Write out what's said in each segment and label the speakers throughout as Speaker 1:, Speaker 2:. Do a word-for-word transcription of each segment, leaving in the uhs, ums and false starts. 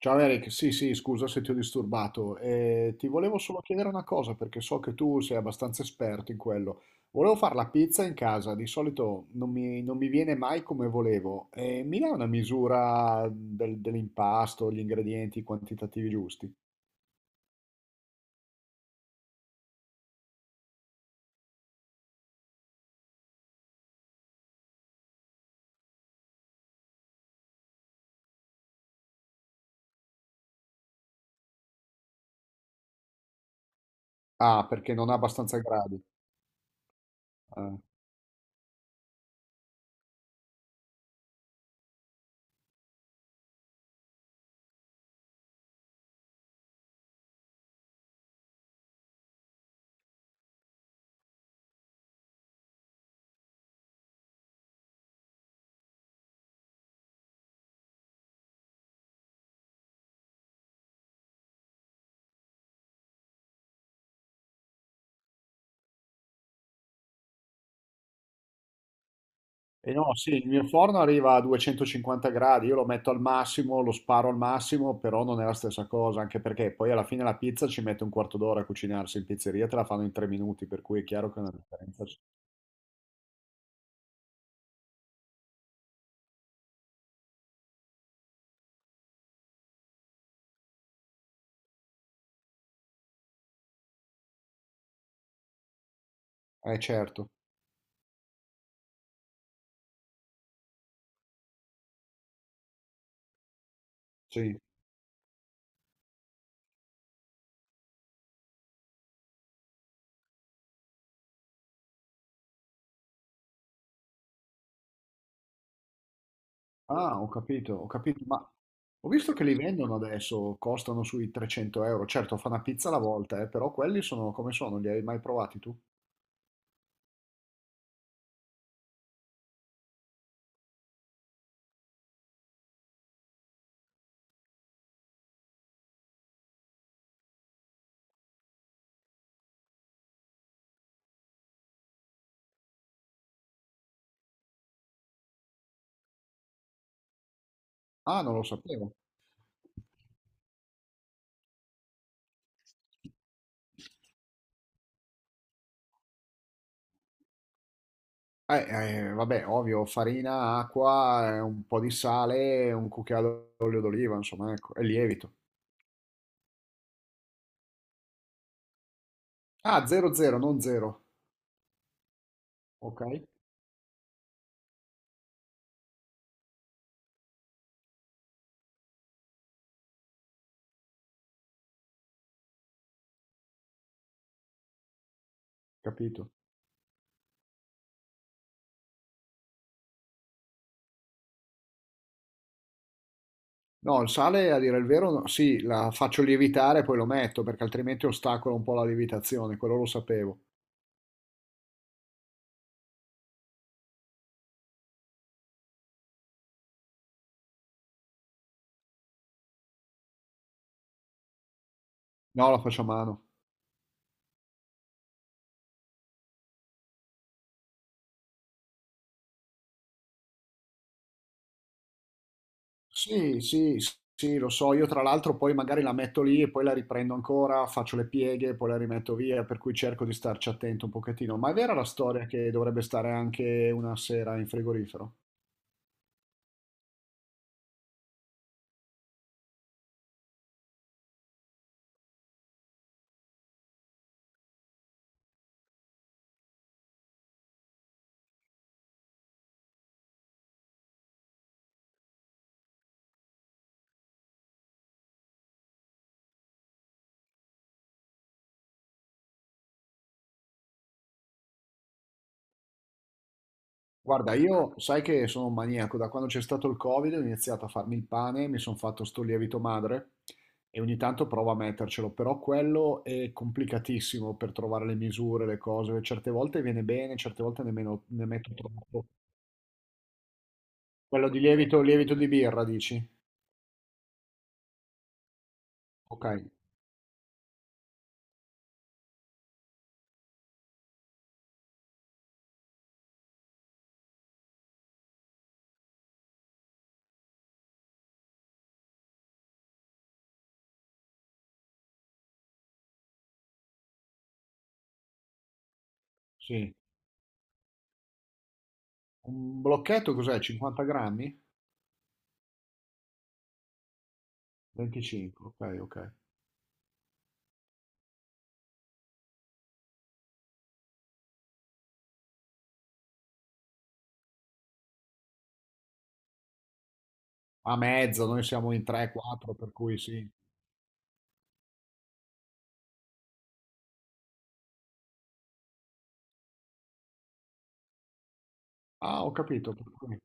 Speaker 1: Ciao Eric, sì sì, scusa se ti ho disturbato. Eh, ti volevo solo chiedere una cosa perché so che tu sei abbastanza esperto in quello. Volevo fare la pizza in casa, di solito non mi, non mi viene mai come volevo. Eh, mi dai una misura del- dell'impasto, gli ingredienti, i quantitativi giusti? Ah, perché non ha abbastanza gradi. Ah. E no, sì, il mio forno arriva a duecentocinquanta gradi, io lo metto al massimo, lo sparo al massimo, però non è la stessa cosa, anche perché poi alla fine la pizza ci mette un quarto d'ora a cucinarsi, in pizzeria te la fanno in tre minuti, per cui è chiaro che è una differenza. C'è. Eh certo, sì. Ah, ho capito, ho capito, ma ho visto che li vendono adesso, costano sui trecento euro, certo fa una pizza alla volta, eh, però quelli sono come sono, li hai mai provati tu? Ah, non lo sapevo. Eh, eh, vabbè, ovvio, farina, acqua, eh, un po' di sale, un cucchiaio d'olio d'oliva, insomma, ecco, e lievito. Ah, zero zero, non zero. Ok, capito. No, il sale, a dire il vero, no, sì, la faccio lievitare e poi lo metto, perché altrimenti ostacola un po' la lievitazione, quello lo sapevo. No, la faccio a mano. Sì, sì, s- sì, lo so. Io tra l'altro poi magari la metto lì e poi la riprendo ancora, faccio le pieghe, poi la rimetto via, per cui cerco di starci attento un pochettino. Ma è vera la storia che dovrebbe stare anche una sera in frigorifero? Guarda, io sai che sono un maniaco, da quando c'è stato il Covid ho iniziato a farmi il pane, mi sono fatto sto lievito madre e ogni tanto provo a mettercelo, però quello è complicatissimo per trovare le misure, le cose, certe volte viene bene, certe volte nemmeno ne metto troppo. Quello di lievito, lievito di birra, dici? Ok, sì. Un blocchetto cos'è? cinquanta grammi? venticinque, ok, ok. A mezzo, noi siamo in tre quattro, per cui sì. Ah, ho capito. per cui-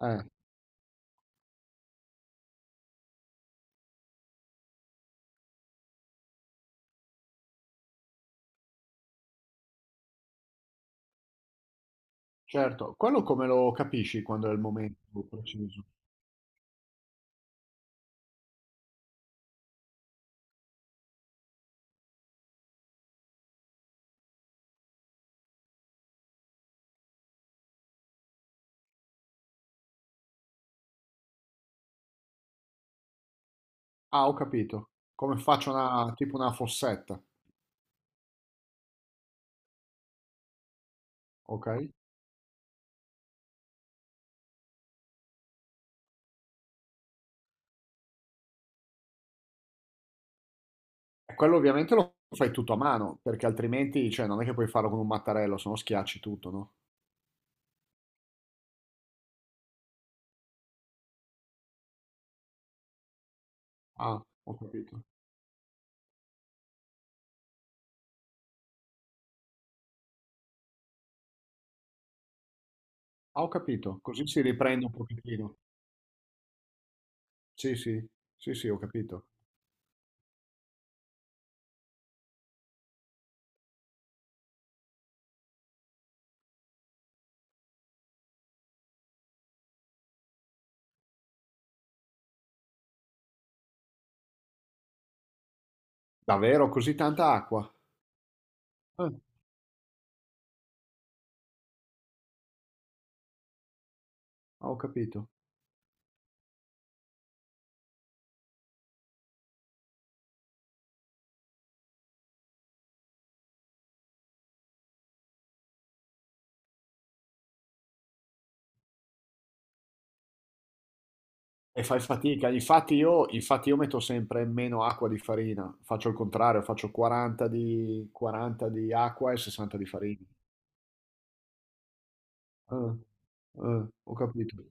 Speaker 1: Eh, certo. Quello come lo capisci quando è il momento preciso? Ah, ho capito. Come faccio una, tipo una fossetta, ok? E quello ovviamente lo fai tutto a mano, perché altrimenti, cioè, non è che puoi farlo con un mattarello, se no schiacci tutto, no? Ah, ho capito. Ah, ho capito. Così si riprende un pochettino. Sì, sì. Sì, sì, ho capito. Davvero così tanta acqua? Eh, ho capito. E fai fatica. Infatti io, infatti io metto sempre meno acqua di farina. Faccio il contrario, faccio quaranta di, quaranta di acqua e sessanta di farina. Eh, eh, ho capito.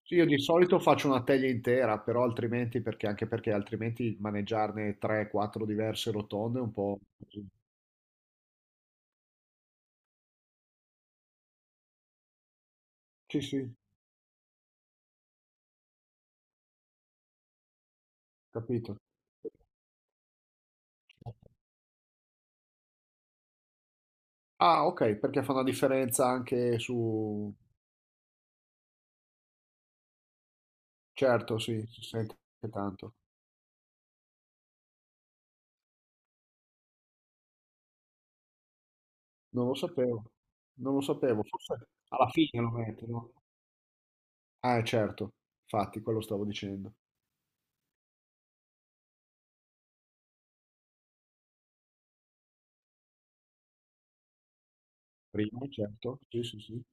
Speaker 1: Sì, io di solito faccio una teglia intera, però altrimenti, perché anche perché altrimenti maneggiarne tre quattro diverse rotonde è un po' così. Sì, sì, capito. Ah, ok, perché fa una differenza anche su. Certo, sì, si sente tanto. Non lo sapevo, non lo sapevo, forse alla fine lo mettono. Ah, certo, infatti, quello stavo dicendo. Prima, certo, sì, sì, sì.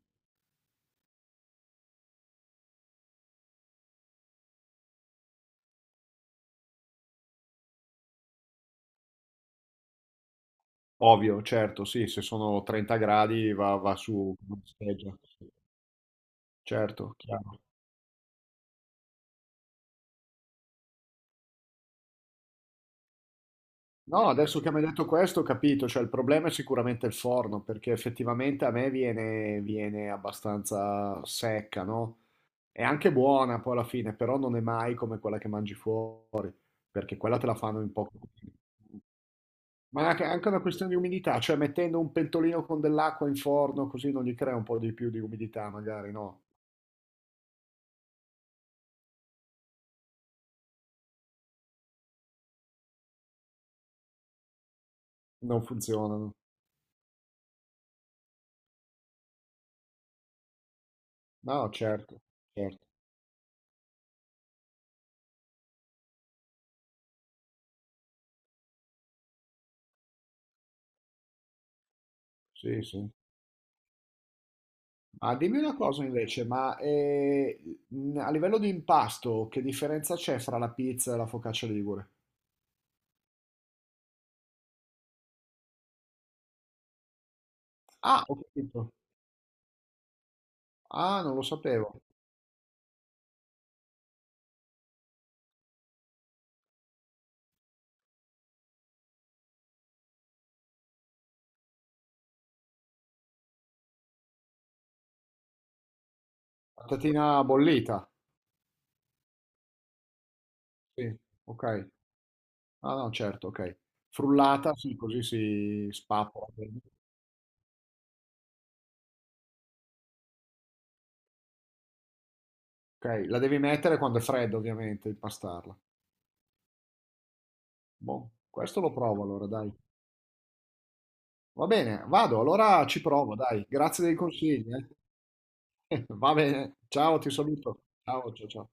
Speaker 1: Ovvio, certo, sì, se sono trenta gradi va, va su una scheggia. Certo, chiaro. No, adesso che mi hai detto questo ho capito, cioè il problema è sicuramente il forno, perché effettivamente a me viene, viene abbastanza secca, no? È anche buona poi alla fine, però non è mai come quella che mangi fuori, perché quella te la fanno in poco. Ma anche anche una questione di umidità, cioè mettendo un pentolino con dell'acqua in forno così non gli crea un po' di più di umidità, magari no, non funzionano. No, certo, certo, sì, sì. Ma dimmi una cosa invece, ma eh, mh, a livello di impasto, che differenza c'è fra la pizza e la focaccia ligure? Ah, ho capito. Ah, non lo sapevo. Patatina bollita. Sì, ok. Ah, no, certo, ok. Frullata, sì, così si spappola. Ok, la devi mettere quando è fredda, ovviamente, impastarla. Boh, questo lo provo allora, dai. Va bene, vado, allora ci provo, dai. Grazie dei consigli, eh. Va bene, ciao, ti saluto. Ciao, ciao, ciao.